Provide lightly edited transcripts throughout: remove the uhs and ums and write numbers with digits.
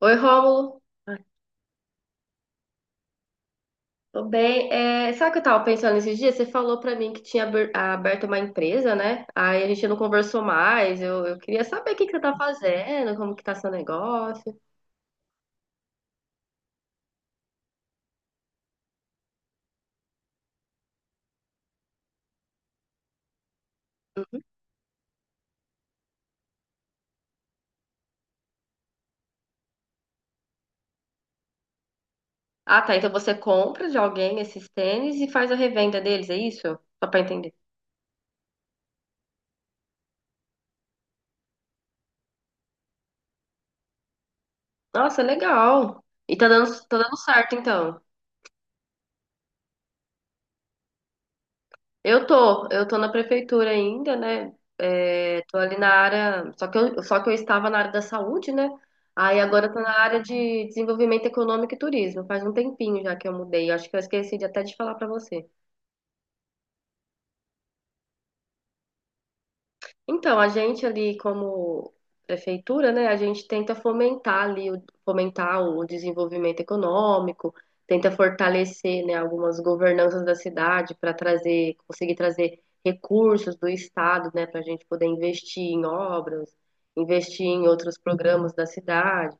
Oi, Rômulo. Ai, Tô bem. É, sabe o que eu tava pensando esses dias? Você falou pra mim que tinha aberto uma empresa, né? Aí a gente não conversou mais. Eu queria saber o que que você tá fazendo, como que tá seu negócio. Uhum. Ah, tá. Então você compra de alguém esses tênis e faz a revenda deles, é isso? Só pra entender. Nossa, legal. E tá dando certo, então. Eu tô na prefeitura ainda, né? É, tô ali na área, só que eu estava na área da saúde, né? Aí agora eu tô na área de desenvolvimento econômico e turismo. Faz um tempinho já que eu mudei. Acho que eu esqueci de até de falar pra você. Então, a gente ali como prefeitura, né, a gente tenta fomentar ali, fomentar o desenvolvimento econômico, tenta fortalecer, né, algumas governanças da cidade para trazer, conseguir trazer recursos do estado, né, para a gente poder investir em obras, investir em outros programas da cidade,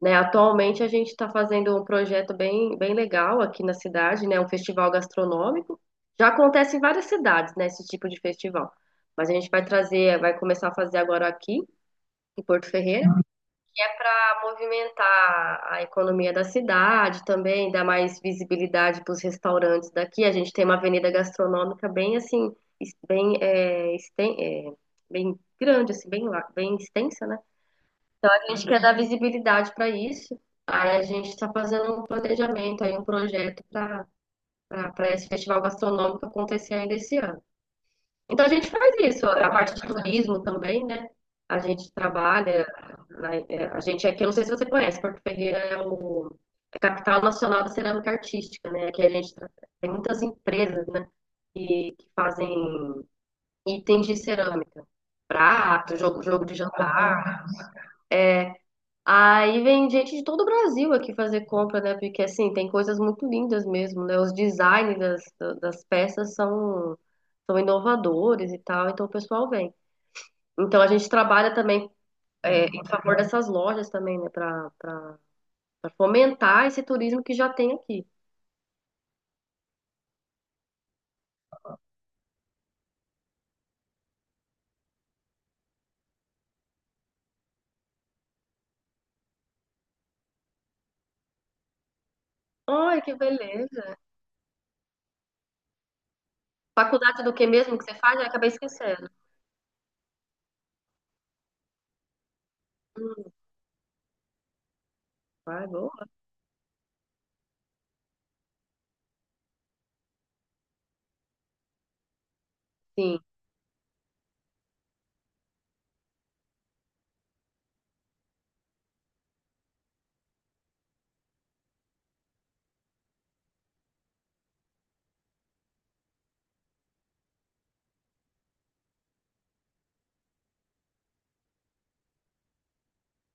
né. Atualmente a gente está fazendo um projeto bem, bem legal aqui na cidade, né, um festival gastronômico. Já acontece em várias cidades, né, esse tipo de festival. Mas a gente vai trazer, vai começar a fazer agora aqui, em Porto Ferreira, para movimentar a economia da cidade também, dar mais visibilidade para os restaurantes daqui. A gente tem uma avenida gastronômica bem assim, es- bem, é, esten- é, bem grande, assim, bem extensa, né? Então a gente quer dar visibilidade para isso. Aí a gente está fazendo um planejamento, aí um projeto para esse festival gastronômico acontecer ainda esse ano. Então a gente faz isso, a parte de turismo também, né? A gente trabalha, a gente é aqui, eu não sei se você conhece, Porto Ferreira é o é a capital nacional da cerâmica artística, né? Aqui a gente tem muitas empresas, né? Que fazem itens de cerâmica, prato, jogo, jogo de jantar. Aí vem gente de todo o Brasil aqui fazer compra, né? Porque assim, tem coisas muito lindas mesmo, né? Os designs das, das peças são, são inovadores e tal, então o pessoal vem. Então a gente trabalha também em favor dessas lojas também, né, para fomentar esse turismo que já tem aqui. Ai, que beleza. Faculdade do que mesmo que você faz? Eu acabei esquecendo. Hum, ai, boa. Sim,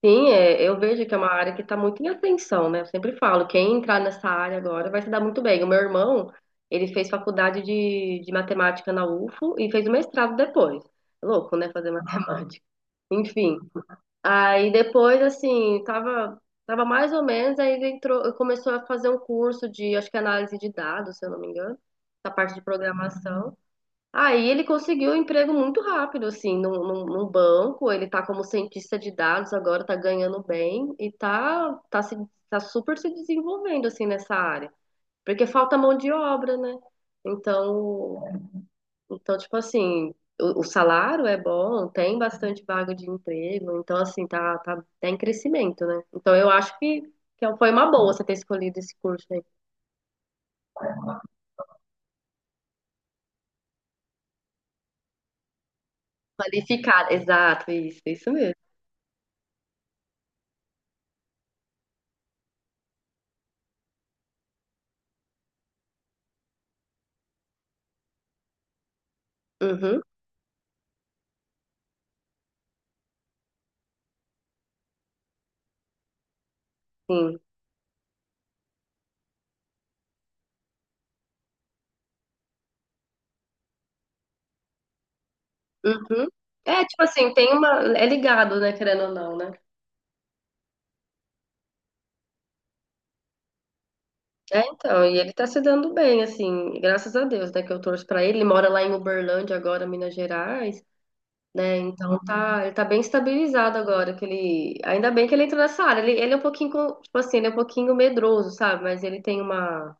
sim, é, eu vejo que é uma área que está muito em atenção, né? Eu sempre falo, quem entrar nessa área agora vai se dar muito bem. O meu irmão, ele fez faculdade de matemática na UFO e fez o mestrado depois. Louco, né? Fazer matemática. Enfim. Aí depois, assim, tava mais ou menos, aí ele entrou, começou a fazer um curso de, acho que é análise de dados, se eu não me engano, da parte de programação. Aí ele conseguiu um emprego muito rápido, assim, num banco, ele tá como cientista de dados agora, tá ganhando bem e tá super se desenvolvendo, assim, nessa área. Porque falta mão de obra, né? Então, então, tipo assim, o salário é bom, tem bastante vaga de emprego, então, assim, tá em crescimento, né? Então, que é um, foi uma boa você ter escolhido esse curso aí. Qualificado, exato, isso mesmo. Uhum, sim. Uhum. É, tipo assim, tem uma. É ligado, né, querendo ou não, né? É, então, e ele tá se dando bem, assim, graças a Deus, né, que eu torço pra ele. Ele mora lá em Uberlândia agora, Minas Gerais. Né? Então tá, ele tá bem estabilizado agora, que ele, ainda bem que ele entrou nessa área. Ele é um pouquinho, tipo assim, ele é um pouquinho medroso, sabe? Mas ele tem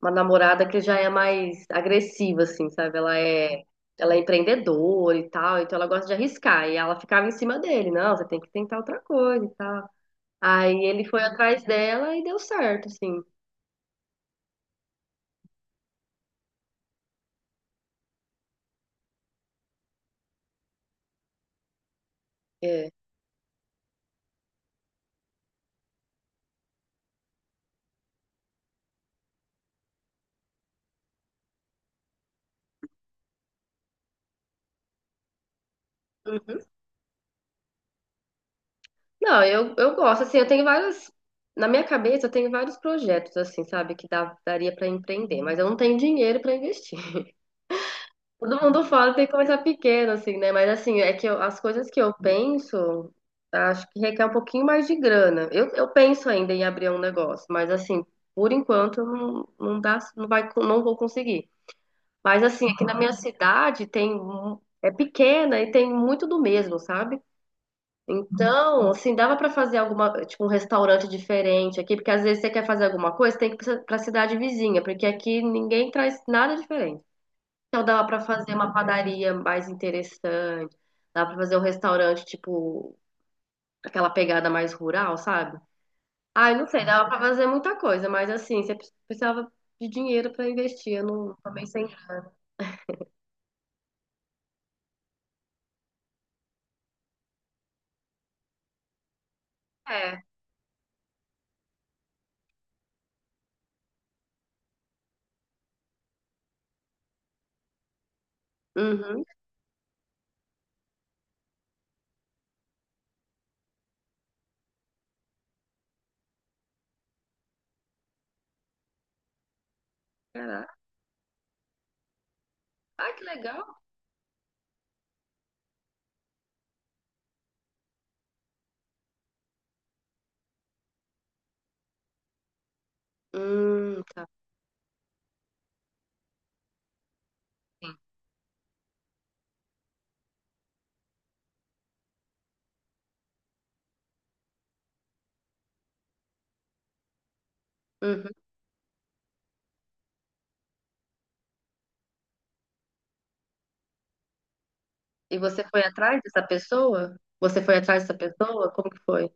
uma namorada que já é mais agressiva, assim, sabe? Ela é empreendedora e tal, então ela gosta de arriscar. E ela ficava em cima dele, não, você tem que tentar outra coisa e tal. Aí ele foi atrás dela e deu certo, assim. É. Não, eu gosto, assim, eu tenho várias. Na minha cabeça, eu tenho vários projetos, assim, sabe, daria pra empreender, mas eu não tenho dinheiro pra investir. Todo mundo fala que tem que começar pequeno, assim, né? Mas, assim, as coisas que eu penso, acho que requer um pouquinho mais de grana. Eu penso ainda em abrir um negócio, mas, assim, por enquanto, eu não, não dá, não vou conseguir. Mas, assim, aqui na minha cidade É pequena e tem muito do mesmo, sabe? Então, assim, dava para fazer alguma, tipo, um restaurante diferente aqui, porque às vezes você quer fazer alguma coisa, tem que ir para a cidade vizinha, porque aqui ninguém traz nada diferente. Então, dava para fazer uma padaria mais interessante, dava para fazer um restaurante, tipo, aquela pegada mais rural, sabe? Ah, eu não sei, dava para fazer muita coisa, mas assim, você precisava de dinheiro para investir, eu não, também sem. É. Uhum. Caraca. Ah, que legal. Tá. Uhum. E você foi atrás dessa pessoa? Você foi atrás dessa pessoa? Como que foi?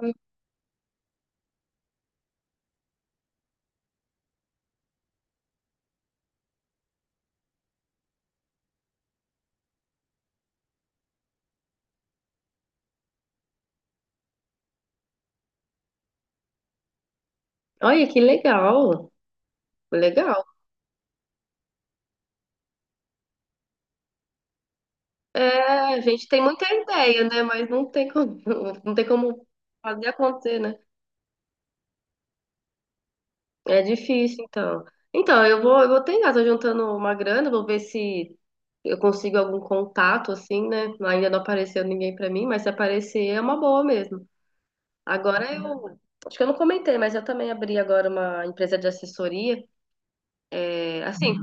Hum. Olha, que legal. Legal. É, a gente tem muita ideia, né? Mas não tem como, não tem como fazer acontecer, né? É difícil, então. Então, eu vou tentar, tô juntando uma grana, vou ver se eu consigo algum contato, assim, né? Ainda não apareceu ninguém pra mim, mas se aparecer é uma boa mesmo. Agora acho que eu não comentei, mas eu também abri agora uma empresa de assessoria. É, assim,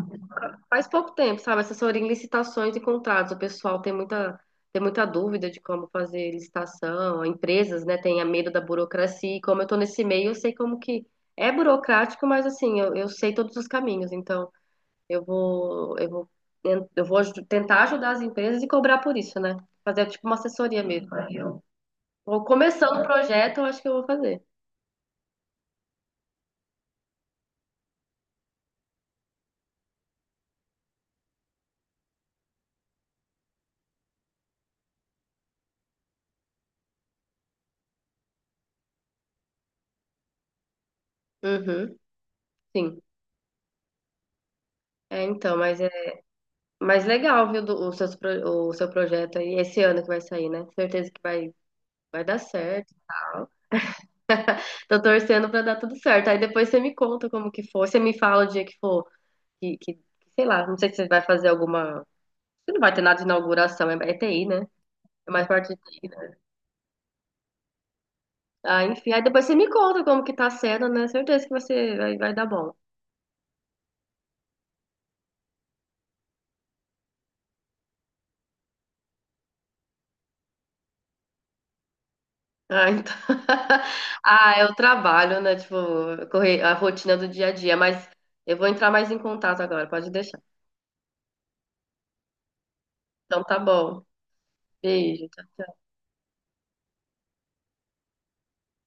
Faz pouco tempo, sabe? Assessoria em licitações e contratos. O pessoal tem muita dúvida de como fazer licitação. Empresas, né, têm medo da burocracia. E como eu tô nesse meio, eu sei como que é burocrático, mas assim, eu sei todos os caminhos. Então, eu vou, eu vou, tentar ajudar as empresas e cobrar por isso, né? Fazer tipo uma assessoria mesmo. Vou começando o projeto, eu acho que eu vou fazer. Uhum, sim. É, então, mas Mas legal, viu, do- o, seus pro- o seu projeto aí, esse ano que vai sair, né? Certeza que vai dar certo e tal. Tô torcendo pra dar tudo certo. Aí depois você me conta como que for. Você me fala o dia que for, que, que sei lá, não sei se você vai fazer alguma. Você não vai ter nada de inauguração, é TI, né? É mais parte de TI, né? Ah, enfim, aí depois você me conta como que tá sendo, né? Certeza que você vai dar bom. Ah, então... ah, é o trabalho, né? Tipo, correr a rotina do dia a dia, mas eu vou entrar mais em contato agora, pode deixar. Então tá bom. Beijo. Tchau. Tchau.